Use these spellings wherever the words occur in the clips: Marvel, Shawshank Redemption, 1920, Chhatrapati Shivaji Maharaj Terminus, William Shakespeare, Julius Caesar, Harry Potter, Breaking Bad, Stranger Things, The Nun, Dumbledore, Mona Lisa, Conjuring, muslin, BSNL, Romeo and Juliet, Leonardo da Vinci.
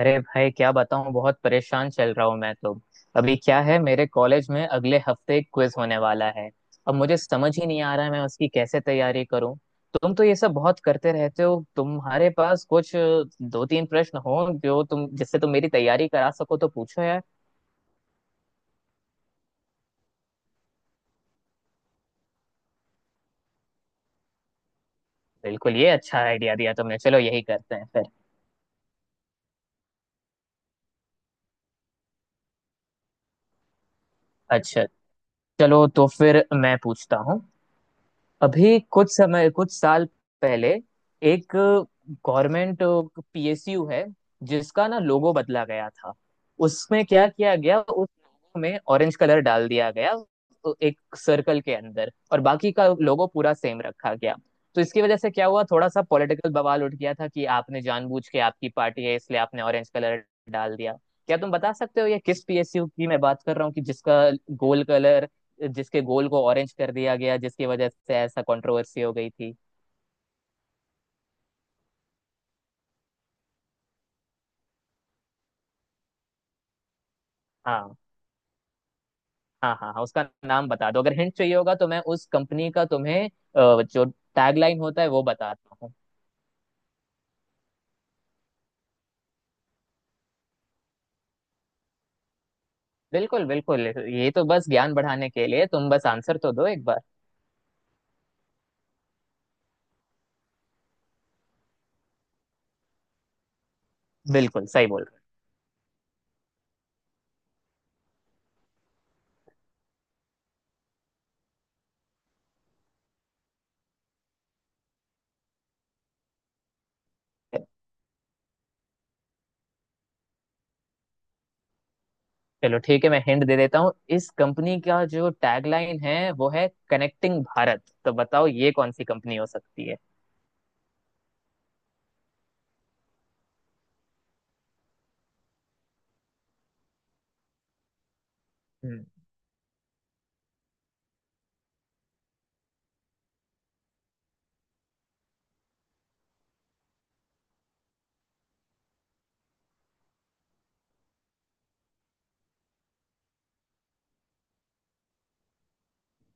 अरे भाई क्या बताऊँ, बहुत परेशान चल रहा हूँ मैं तो। अभी क्या है, मेरे कॉलेज में अगले हफ्ते एक क्विज होने वाला है। अब मुझे समझ ही नहीं आ रहा है मैं उसकी कैसे तैयारी करूँ। तुम तो ये सब बहुत करते रहते हो, तुम्हारे पास कुछ दो तीन प्रश्न हो जो तुम जिससे तुम मेरी तैयारी करा सको तो पूछो यार। बिल्कुल ये अच्छा आइडिया दिया तुमने, चलो यही करते हैं फिर। अच्छा, चलो तो फिर मैं पूछता हूँ। अभी कुछ समय कुछ साल पहले एक गवर्नमेंट पीएसयू है जिसका ना लोगो बदला गया था। उसमें क्या किया गया, उस लोगो में ऑरेंज कलर डाल दिया गया तो एक सर्कल के अंदर, और बाकी का लोगो पूरा सेम रखा गया। तो इसकी वजह से क्या हुआ, थोड़ा सा पॉलिटिकल बवाल उठ गया था कि आपने जानबूझ के, आपकी पार्टी है इसलिए आपने ऑरेंज कलर डाल दिया। क्या तुम बता सकते हो ये किस पीएसयू की मैं बात कर रहा हूँ, कि जिसका गोल कलर, जिसके गोल को ऑरेंज कर दिया गया, जिसकी वजह से ऐसा कंट्रोवर्सी हो गई थी। हाँ हाँ हाँ हाँ, उसका नाम बता दो। अगर हिंट चाहिए होगा तो मैं उस कंपनी का तुम्हें जो टैगलाइन होता है वो बताता हूँ। बिल्कुल बिल्कुल, ये तो बस ज्ञान बढ़ाने के लिए, तुम बस आंसर तो दो एक बार। बिल्कुल सही बोल रहे हो। चलो ठीक है, मैं हिंट दे देता हूँ। इस कंपनी का जो टैगलाइन है वो है कनेक्टिंग भारत, तो बताओ ये कौन सी कंपनी हो सकती है।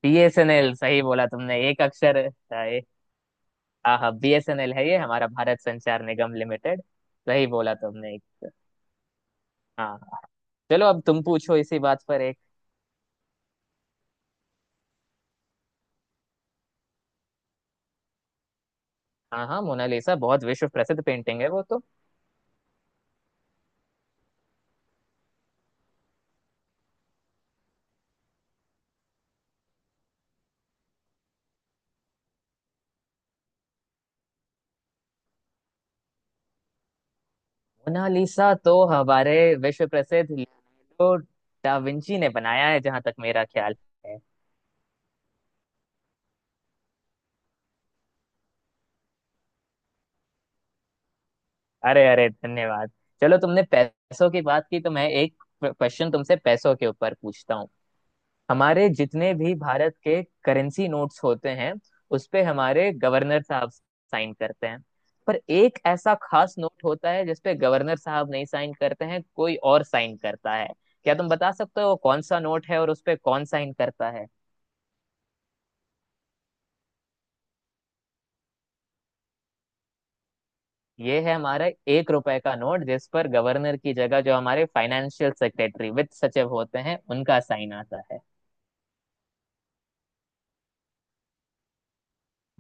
बीएसएनएल, सही बोला तुमने एक अक्षर। हाँ हाँ, बीएसएनएल है ये, हमारा भारत संचार निगम लिमिटेड। सही बोला तुमने एक। हाँ हाँ। चलो अब तुम पूछो इसी बात पर एक। हाँ हाँ, मोनालिसा बहुत विश्व प्रसिद्ध पेंटिंग है वो तो। मोनालिसा तो हमारे विश्व प्रसिद्ध लियोनार्डो डा विंची ने बनाया है, जहां तक मेरा ख्याल है। अरे अरे, धन्यवाद। चलो तुमने पैसों की बात की तो मैं एक क्वेश्चन तुमसे पैसों के ऊपर पूछता हूँ। हमारे जितने भी भारत के करेंसी नोट्स होते हैं, उस पे हमारे गवर्नर साहब साइन करते हैं। पर एक ऐसा खास नोट होता है जिसपे गवर्नर साहब नहीं साइन करते हैं, कोई और साइन करता है। क्या तुम बता सकते हो कौन सा नोट है और उस पे कौन साइन करता है। ये है हमारा 1 रुपए का नोट, जिस पर गवर्नर की जगह जो हमारे फाइनेंशियल सेक्रेटरी, वित्त सचिव होते हैं, उनका साइन आता है।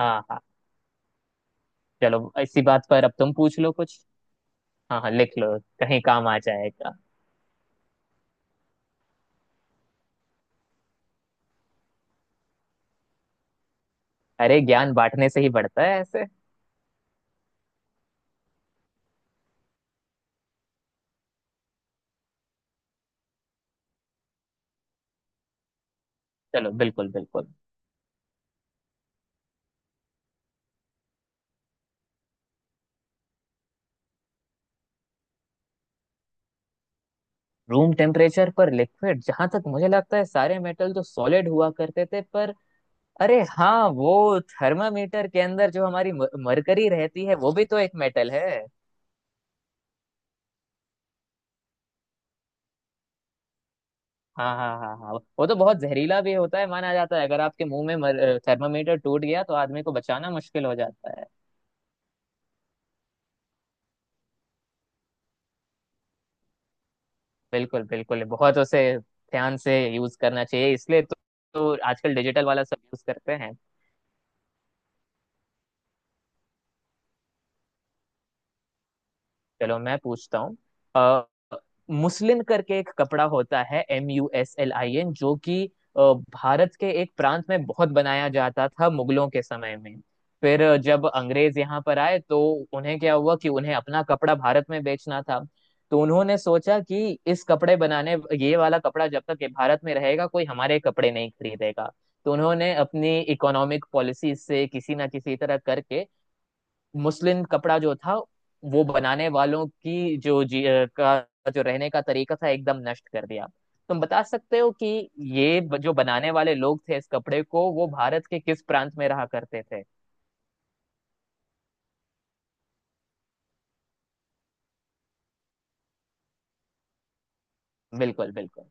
हाँ हाँ। चलो इसी बात पर अब तुम पूछ लो कुछ। हाँ हाँ, लिख लो, कहीं काम आ जाएगा। अरे ज्ञान बांटने से ही बढ़ता है ऐसे। चलो बिल्कुल बिल्कुल। रूम टेम्परेचर पर लिक्विड, जहां तक मुझे लगता है सारे मेटल तो सॉलिड हुआ करते थे पर, अरे हाँ, वो थर्मामीटर के अंदर जो हमारी मरकरी रहती है, वो भी तो एक मेटल है। हाँ हाँ हाँ हाँ, वो तो बहुत जहरीला भी होता है माना जाता है। अगर आपके मुंह में थर्मामीटर टूट गया तो आदमी को बचाना मुश्किल हो जाता है। बिल्कुल बिल्कुल, बहुत उसे ध्यान से यूज करना चाहिए इसलिए तो। तो आजकल डिजिटल वाला सब यूज करते हैं। चलो मैं पूछता हूँ। अ, मुस्लिन करके एक कपड़ा होता है, MUSLIN, जो कि अ, भारत के एक प्रांत में बहुत बनाया जाता था मुगलों के समय में। फिर जब अंग्रेज यहाँ पर आए तो उन्हें क्या हुआ कि उन्हें अपना कपड़ा भारत में बेचना था। तो उन्होंने सोचा कि इस कपड़े बनाने ये वाला कपड़ा जब तक ये भारत में रहेगा कोई हमारे कपड़े नहीं खरीदेगा। तो उन्होंने अपनी इकोनॉमिक पॉलिसी से किसी ना किसी तरह करके मुस्लिन कपड़ा जो था, वो बनाने वालों की जो रहने का तरीका था एकदम नष्ट कर दिया। तुम बता सकते हो कि ये जो बनाने वाले लोग थे इस कपड़े को, वो भारत के किस प्रांत में रहा करते थे। बिल्कुल बिल्कुल।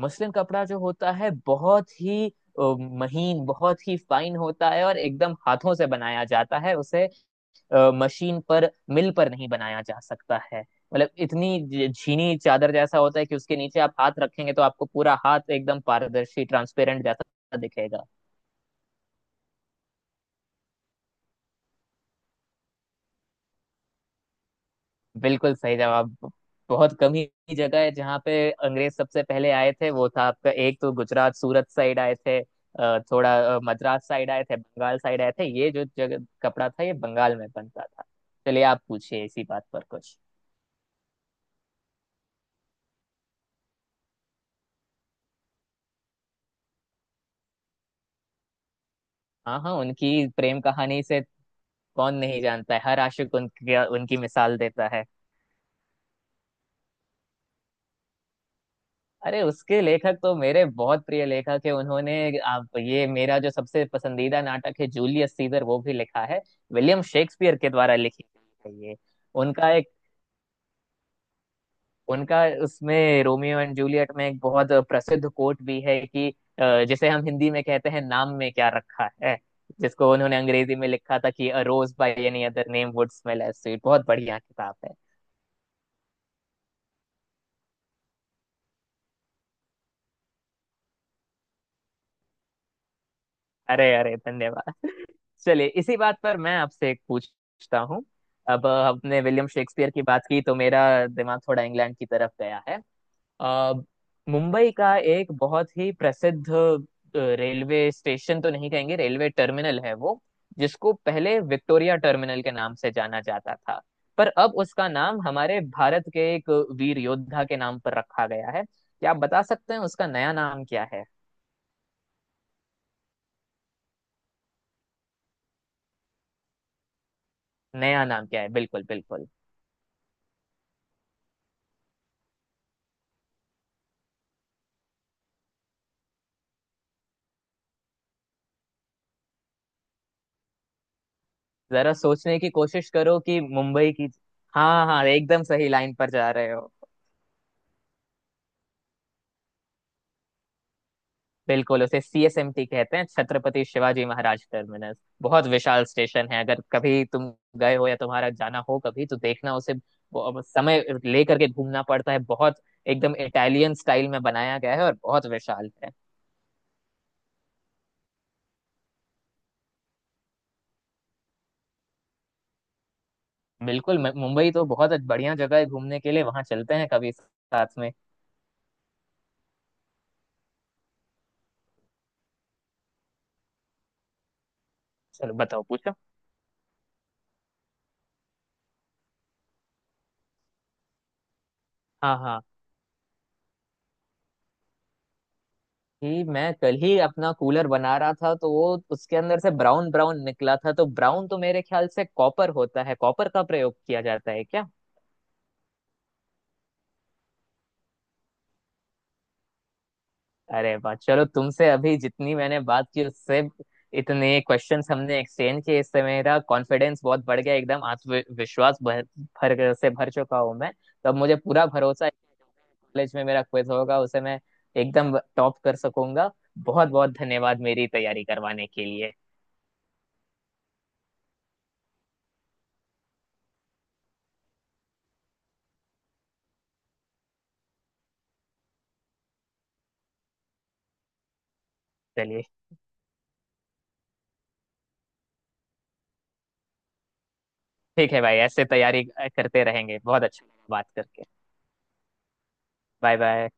मुस्लिन कपड़ा जो होता है बहुत ही अ, महीन, बहुत ही फाइन होता है, और एकदम हाथों से बनाया जाता है उसे, मशीन पर, मिल पर नहीं बनाया जा सकता है। मतलब इतनी झीनी चादर जैसा होता है कि उसके नीचे आप हाथ रखेंगे तो आपको पूरा हाथ एकदम पारदर्शी, ट्रांसपेरेंट जैसा दिखेगा। बिल्कुल सही जवाब। बहुत कम ही जगह है जहाँ पे अंग्रेज सबसे पहले आए थे। वो था आपका एक तो गुजरात, सूरत साइड आए थे, थोड़ा मद्रास साइड आए थे, बंगाल साइड आए थे। ये जो जगह कपड़ा था ये बंगाल में बनता था। चलिए आप पूछिए इसी बात पर कुछ। हाँ हाँ, उनकी प्रेम कहानी से कौन नहीं जानता है, हर आशिक उनकी उनकी मिसाल देता है। अरे उसके लेखक तो मेरे बहुत प्रिय लेखक है, उन्होंने आप ये मेरा जो सबसे पसंदीदा नाटक है जूलियस सीजर वो भी लिखा है। विलियम शेक्सपियर के द्वारा लिखी गई है ये। उनका एक उनका उसमें, रोमियो एंड जूलियट में एक बहुत प्रसिद्ध कोट भी है कि जिसे हम हिंदी में कहते हैं नाम में क्या रखा है, जिसको उन्होंने अंग्रेजी में लिखा था कि a rose by any other name would smell as sweet. बहुत बढ़िया किताब है। अरे अरे, धन्यवाद। चलिए इसी बात पर मैं आपसे एक पूछता हूँ। अब हमने विलियम शेक्सपियर की बात की तो मेरा दिमाग थोड़ा इंग्लैंड की तरफ गया है। अ, मुंबई का एक बहुत ही प्रसिद्ध रेलवे स्टेशन, तो नहीं कहेंगे, रेलवे टर्मिनल है वो, जिसको पहले विक्टोरिया टर्मिनल के नाम से जाना जाता था। पर अब उसका नाम हमारे भारत के एक वीर योद्धा के नाम पर रखा गया है। क्या आप बता सकते हैं उसका नया नाम क्या है। नया नाम क्या है, बिल्कुल बिल्कुल। जरा सोचने की कोशिश करो कि मुंबई की। हाँ हाँ, एकदम सही लाइन पर जा रहे हो। बिल्कुल, उसे सीएसएमटी कहते हैं, छत्रपति शिवाजी महाराज टर्मिनस। बहुत विशाल स्टेशन है। अगर कभी तुम गए हो या तुम्हारा जाना हो कभी तो देखना उसे, समय लेकर के घूमना पड़ता है बहुत, एकदम इटालियन स्टाइल में बनाया गया है और बहुत विशाल है। बिल्कुल, मुंबई तो बहुत बढ़िया जगह है घूमने के लिए, वहां चलते हैं कभी साथ में। चलो बताओ पूछो। हाँ हाँ, कि मैं कल ही अपना कूलर बना रहा था, तो वो उसके अंदर से ब्राउन ब्राउन निकला था, तो ब्राउन तो मेरे ख्याल से कॉपर होता है, कॉपर का प्रयोग किया जाता है क्या। अरे वाह, चलो तुमसे अभी जितनी मैंने बात की, उससे इतने क्वेश्चंस हमने एक्सचेंज किए, इससे मेरा कॉन्फिडेंस बहुत बढ़ गया, एकदम आत्मविश्वास भर भर से भर चुका हूँ मैं तो। अब मुझे पूरा भरोसा है कि कॉलेज में मेरा क्विज होगा उसे मैं एकदम टॉप कर सकूंगा। बहुत बहुत धन्यवाद मेरी तैयारी करवाने के लिए। चलिए ठीक है भाई, ऐसे तैयारी करते रहेंगे। बहुत अच्छा लगा बात करके। Bye bye.